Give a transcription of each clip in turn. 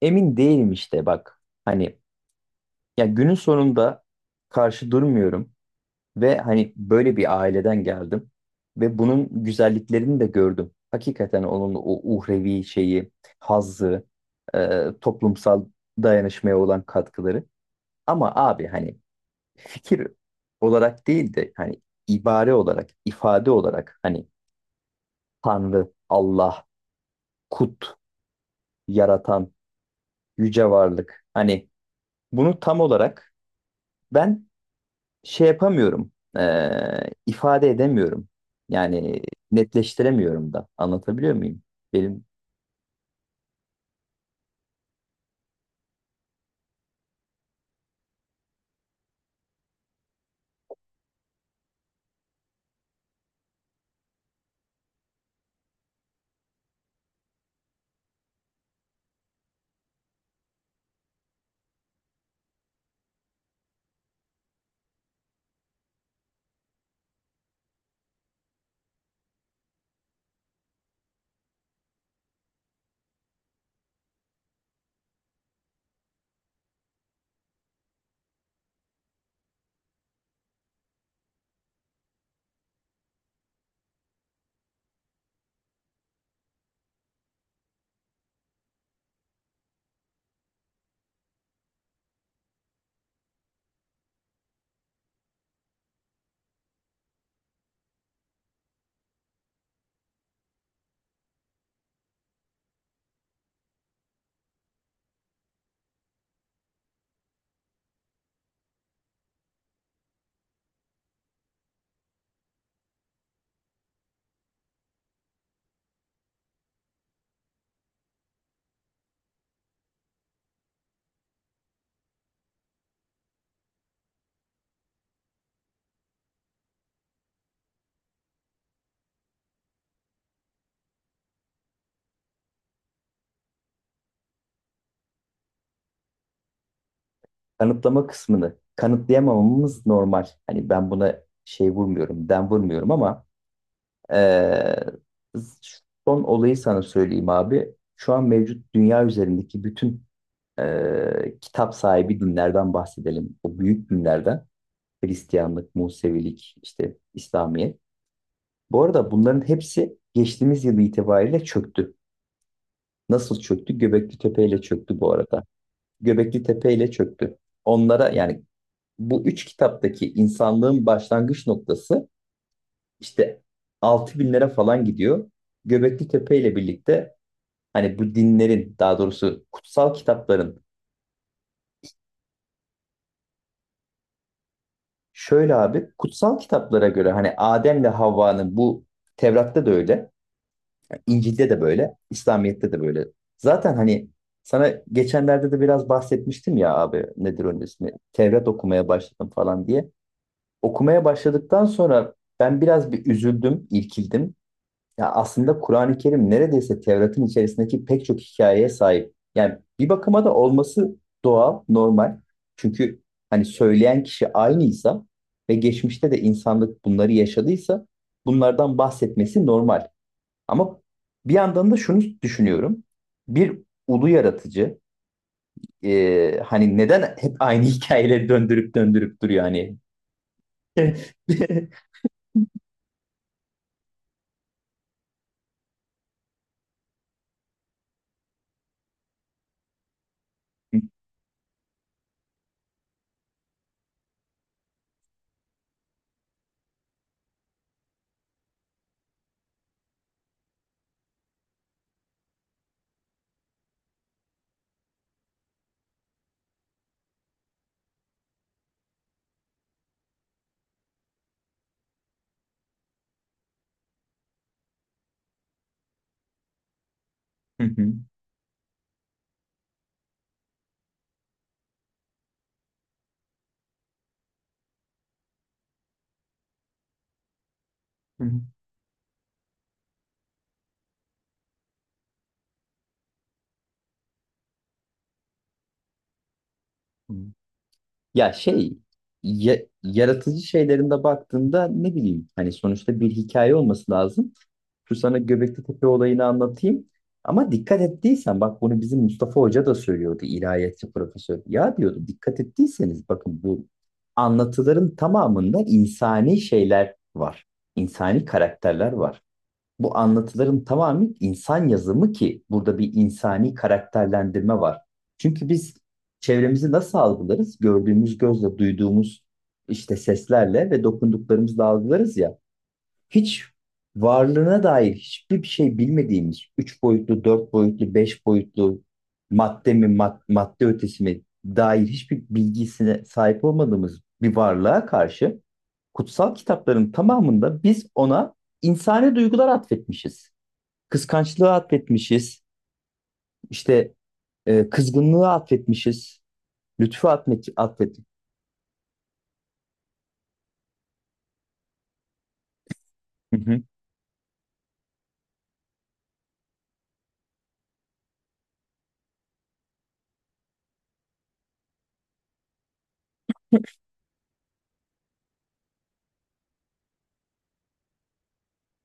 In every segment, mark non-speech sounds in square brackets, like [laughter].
Emin değilim işte bak. Günün sonunda karşı durmuyorum ve böyle bir aileden geldim ve bunun güzelliklerini de gördüm. Hakikaten onun o uhrevi şeyi, hazzı, toplumsal dayanışmaya olan katkıları. Ama abi fikir olarak değil de ibare olarak, ifade olarak Tanrı, Allah, Kut, Yaratan, Yüce Varlık, bunu tam olarak ben şey yapamıyorum, ifade edemiyorum. Yani netleştiremiyorum da. Anlatabiliyor muyum? Benim kanıtlama kısmını kanıtlayamamamız normal. Hani ben buna şey vurmuyorum, den vurmuyorum ama e, son olayı sana söyleyeyim abi. Şu an mevcut dünya üzerindeki bütün kitap sahibi dinlerden bahsedelim. O büyük dinlerden. Hristiyanlık, Musevilik, işte İslamiyet. Bu arada bunların hepsi geçtiğimiz yıl itibariyle çöktü. Nasıl çöktü? Göbekli Tepe ile çöktü bu arada. Göbekli Tepe ile çöktü. Onlara yani bu üç kitaptaki insanlığın başlangıç noktası işte 6 binlere falan gidiyor. Göbekli Tepe ile birlikte bu dinlerin, daha doğrusu kutsal kitapların, şöyle abi: kutsal kitaplara göre Adem'le Havva'nın bu Tevrat'ta da öyle. İncil'de de böyle, İslamiyet'te de böyle. Zaten sana geçenlerde de biraz bahsetmiştim ya abi, nedir onun ismi? Tevrat okumaya başladım falan diye. Okumaya başladıktan sonra ben biraz bir üzüldüm, irkildim. Ya aslında Kur'an-ı Kerim neredeyse Tevrat'ın içerisindeki pek çok hikayeye sahip. Yani bir bakıma da olması doğal, normal. Çünkü söyleyen kişi aynıysa ve geçmişte de insanlık bunları yaşadıysa bunlardan bahsetmesi normal. Ama bir yandan da şunu düşünüyorum. Bir ulu yaratıcı, neden hep aynı [laughs] hikayeleri döndürüp döndürüp duruyor hani? [laughs] Ya şey, yaratıcı şeylerinde baktığında ne bileyim, sonuçta bir hikaye olması lazım. Şu sana Göbekli Tepe olayını anlatayım. Ama dikkat ettiysen bak, bunu bizim Mustafa Hoca da söylüyordu, ilahiyatçı profesör. Ya diyordu, dikkat ettiyseniz bakın bu anlatıların tamamında insani şeyler var. İnsani karakterler var. Bu anlatıların tamamı insan yazımı ki burada bir insani karakterlendirme var. Çünkü biz çevremizi nasıl algılarız? Gördüğümüz gözle, duyduğumuz işte seslerle ve dokunduklarımızla algılarız ya, hiç varlığına dair hiçbir şey bilmediğimiz 3 boyutlu, 4 boyutlu, 5 boyutlu madde mi, madde ötesi mi dair hiçbir bilgisine sahip olmadığımız bir varlığa karşı kutsal kitapların tamamında biz ona insani duygular atfetmişiz. Kıskançlığı atfetmişiz, işte kızgınlığı atfetmişiz, lütfu atfet. Hı hı.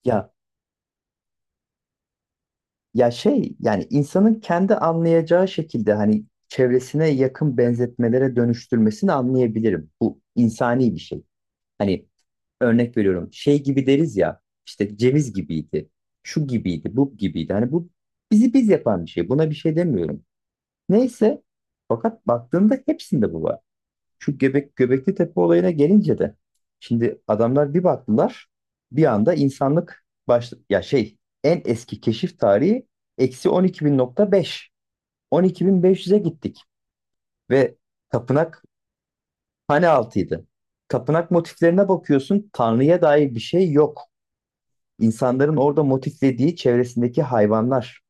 Ya Ya şey, yani insanın kendi anlayacağı şekilde çevresine yakın benzetmelere dönüştürmesini anlayabilirim. Bu insani bir şey. Hani örnek veriyorum, şey gibi deriz ya, işte ceviz gibiydi, şu gibiydi, bu gibiydi. Hani bu bizi biz yapan bir şey. Buna bir şey demiyorum. Neyse, fakat baktığında hepsinde bu var. Şu Göbekli Tepe olayına gelince de şimdi adamlar bir baktılar, bir anda insanlık baş, ya şey, en eski keşif tarihi eksi 12.000.5 12.500'e gittik ve tapınak hane altıydı. Tapınak motiflerine bakıyorsun, Tanrı'ya dair bir şey yok. İnsanların orada motiflediği çevresindeki hayvanlar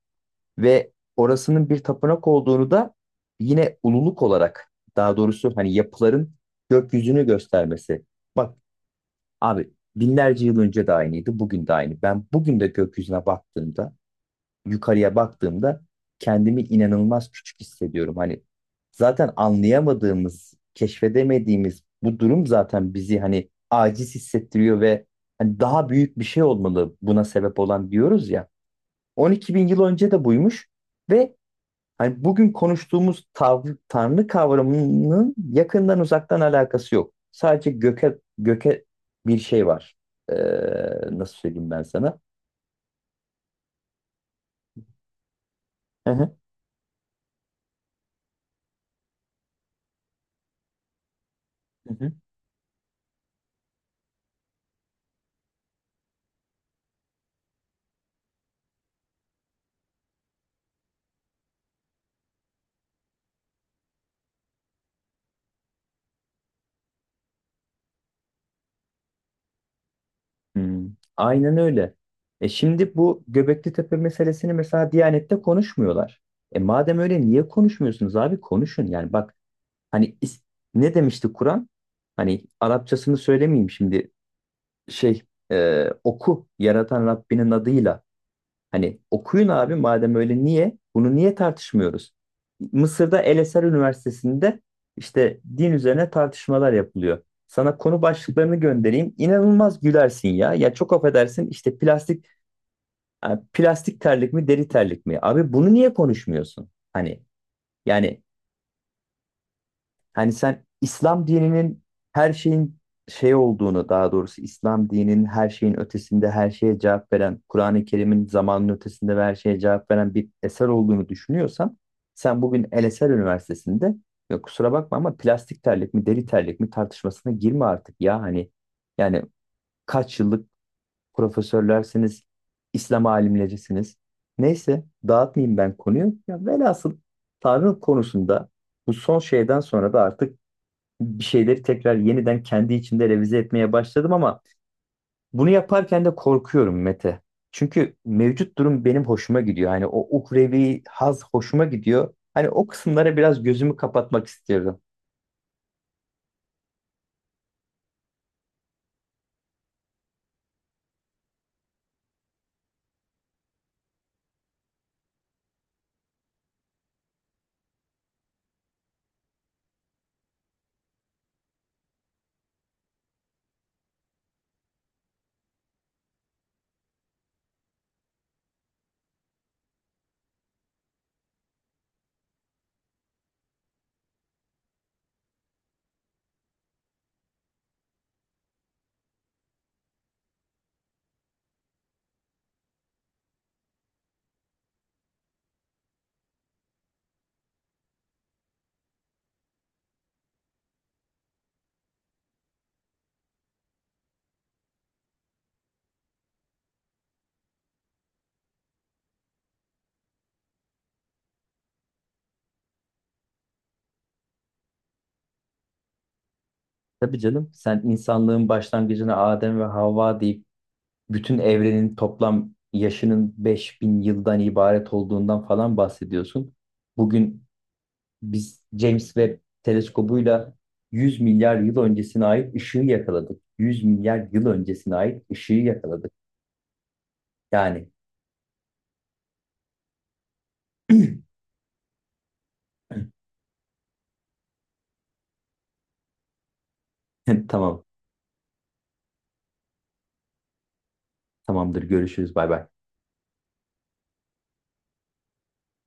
ve orasının bir tapınak olduğunu da yine ululuk olarak, daha doğrusu yapıların gökyüzünü göstermesi. Bak abi, binlerce yıl önce de aynıydı, bugün de aynı. Ben bugün de gökyüzüne baktığımda, yukarıya baktığımda kendimi inanılmaz küçük hissediyorum. Hani zaten anlayamadığımız, keşfedemediğimiz bu durum zaten bizi aciz hissettiriyor ve daha büyük bir şey olmalı buna sebep olan diyoruz ya. 12 bin yıl önce de buymuş ve bugün konuştuğumuz tanrı kavramının yakından uzaktan alakası yok. Sadece göke bir şey var. Ee, nasıl söyleyeyim ben sana? Hı hı, hı hı. Hmm, aynen öyle. E şimdi bu Göbekli Tepe meselesini mesela Diyanet'te konuşmuyorlar. E madem öyle niye konuşmuyorsunuz abi? Konuşun yani, bak hani is- ne demişti Kur'an? Arapçasını söylemeyeyim şimdi, şey oku yaratan Rabbinin adıyla. Hani okuyun abi, madem öyle niye? Bunu niye tartışmıyoruz? Mısır'da El Eser Üniversitesi'nde işte din üzerine tartışmalar yapılıyor. Sana konu başlıklarını göndereyim. İnanılmaz gülersin ya. Ya çok affedersin, işte yani plastik terlik mi, deri terlik mi? Abi bunu niye konuşmuyorsun? Yani Hani sen İslam dininin her şeyin şey olduğunu, daha doğrusu İslam dininin her şeyin ötesinde her şeye cevap veren, Kur'an-ı Kerim'in zamanın ötesinde ve her şeye cevap veren bir eser olduğunu düşünüyorsan, sen bugün El Eser Üniversitesi'nde, ya kusura bakma ama, plastik terlik mi, deri terlik mi tartışmasına girme artık ya hani. Yani kaç yıllık profesörlersiniz, İslam alimlerisiniz. Neyse dağıtmayayım ben konuyu. Ya velhasıl, Tanrı konusunda bu son şeyden sonra da artık bir şeyleri tekrar yeniden kendi içimde revize etmeye başladım, ama bunu yaparken de korkuyorum Mete. Çünkü mevcut durum benim hoşuma gidiyor. Hani o uhrevi haz hoşuma gidiyor. Hani o kısımlara biraz gözümü kapatmak istiyorum. Tabii canım, sen insanlığın başlangıcına Adem ve Havva deyip bütün evrenin toplam yaşının 5 bin yıldan ibaret olduğundan falan bahsediyorsun. Bugün Biz James Webb teleskobuyla 100 milyar yıl öncesine ait ışığı yakaladık. 100 milyar yıl öncesine ait ışığı yakaladık. Yani [laughs] tamam, tamamdır. Görüşürüz. Bay bay.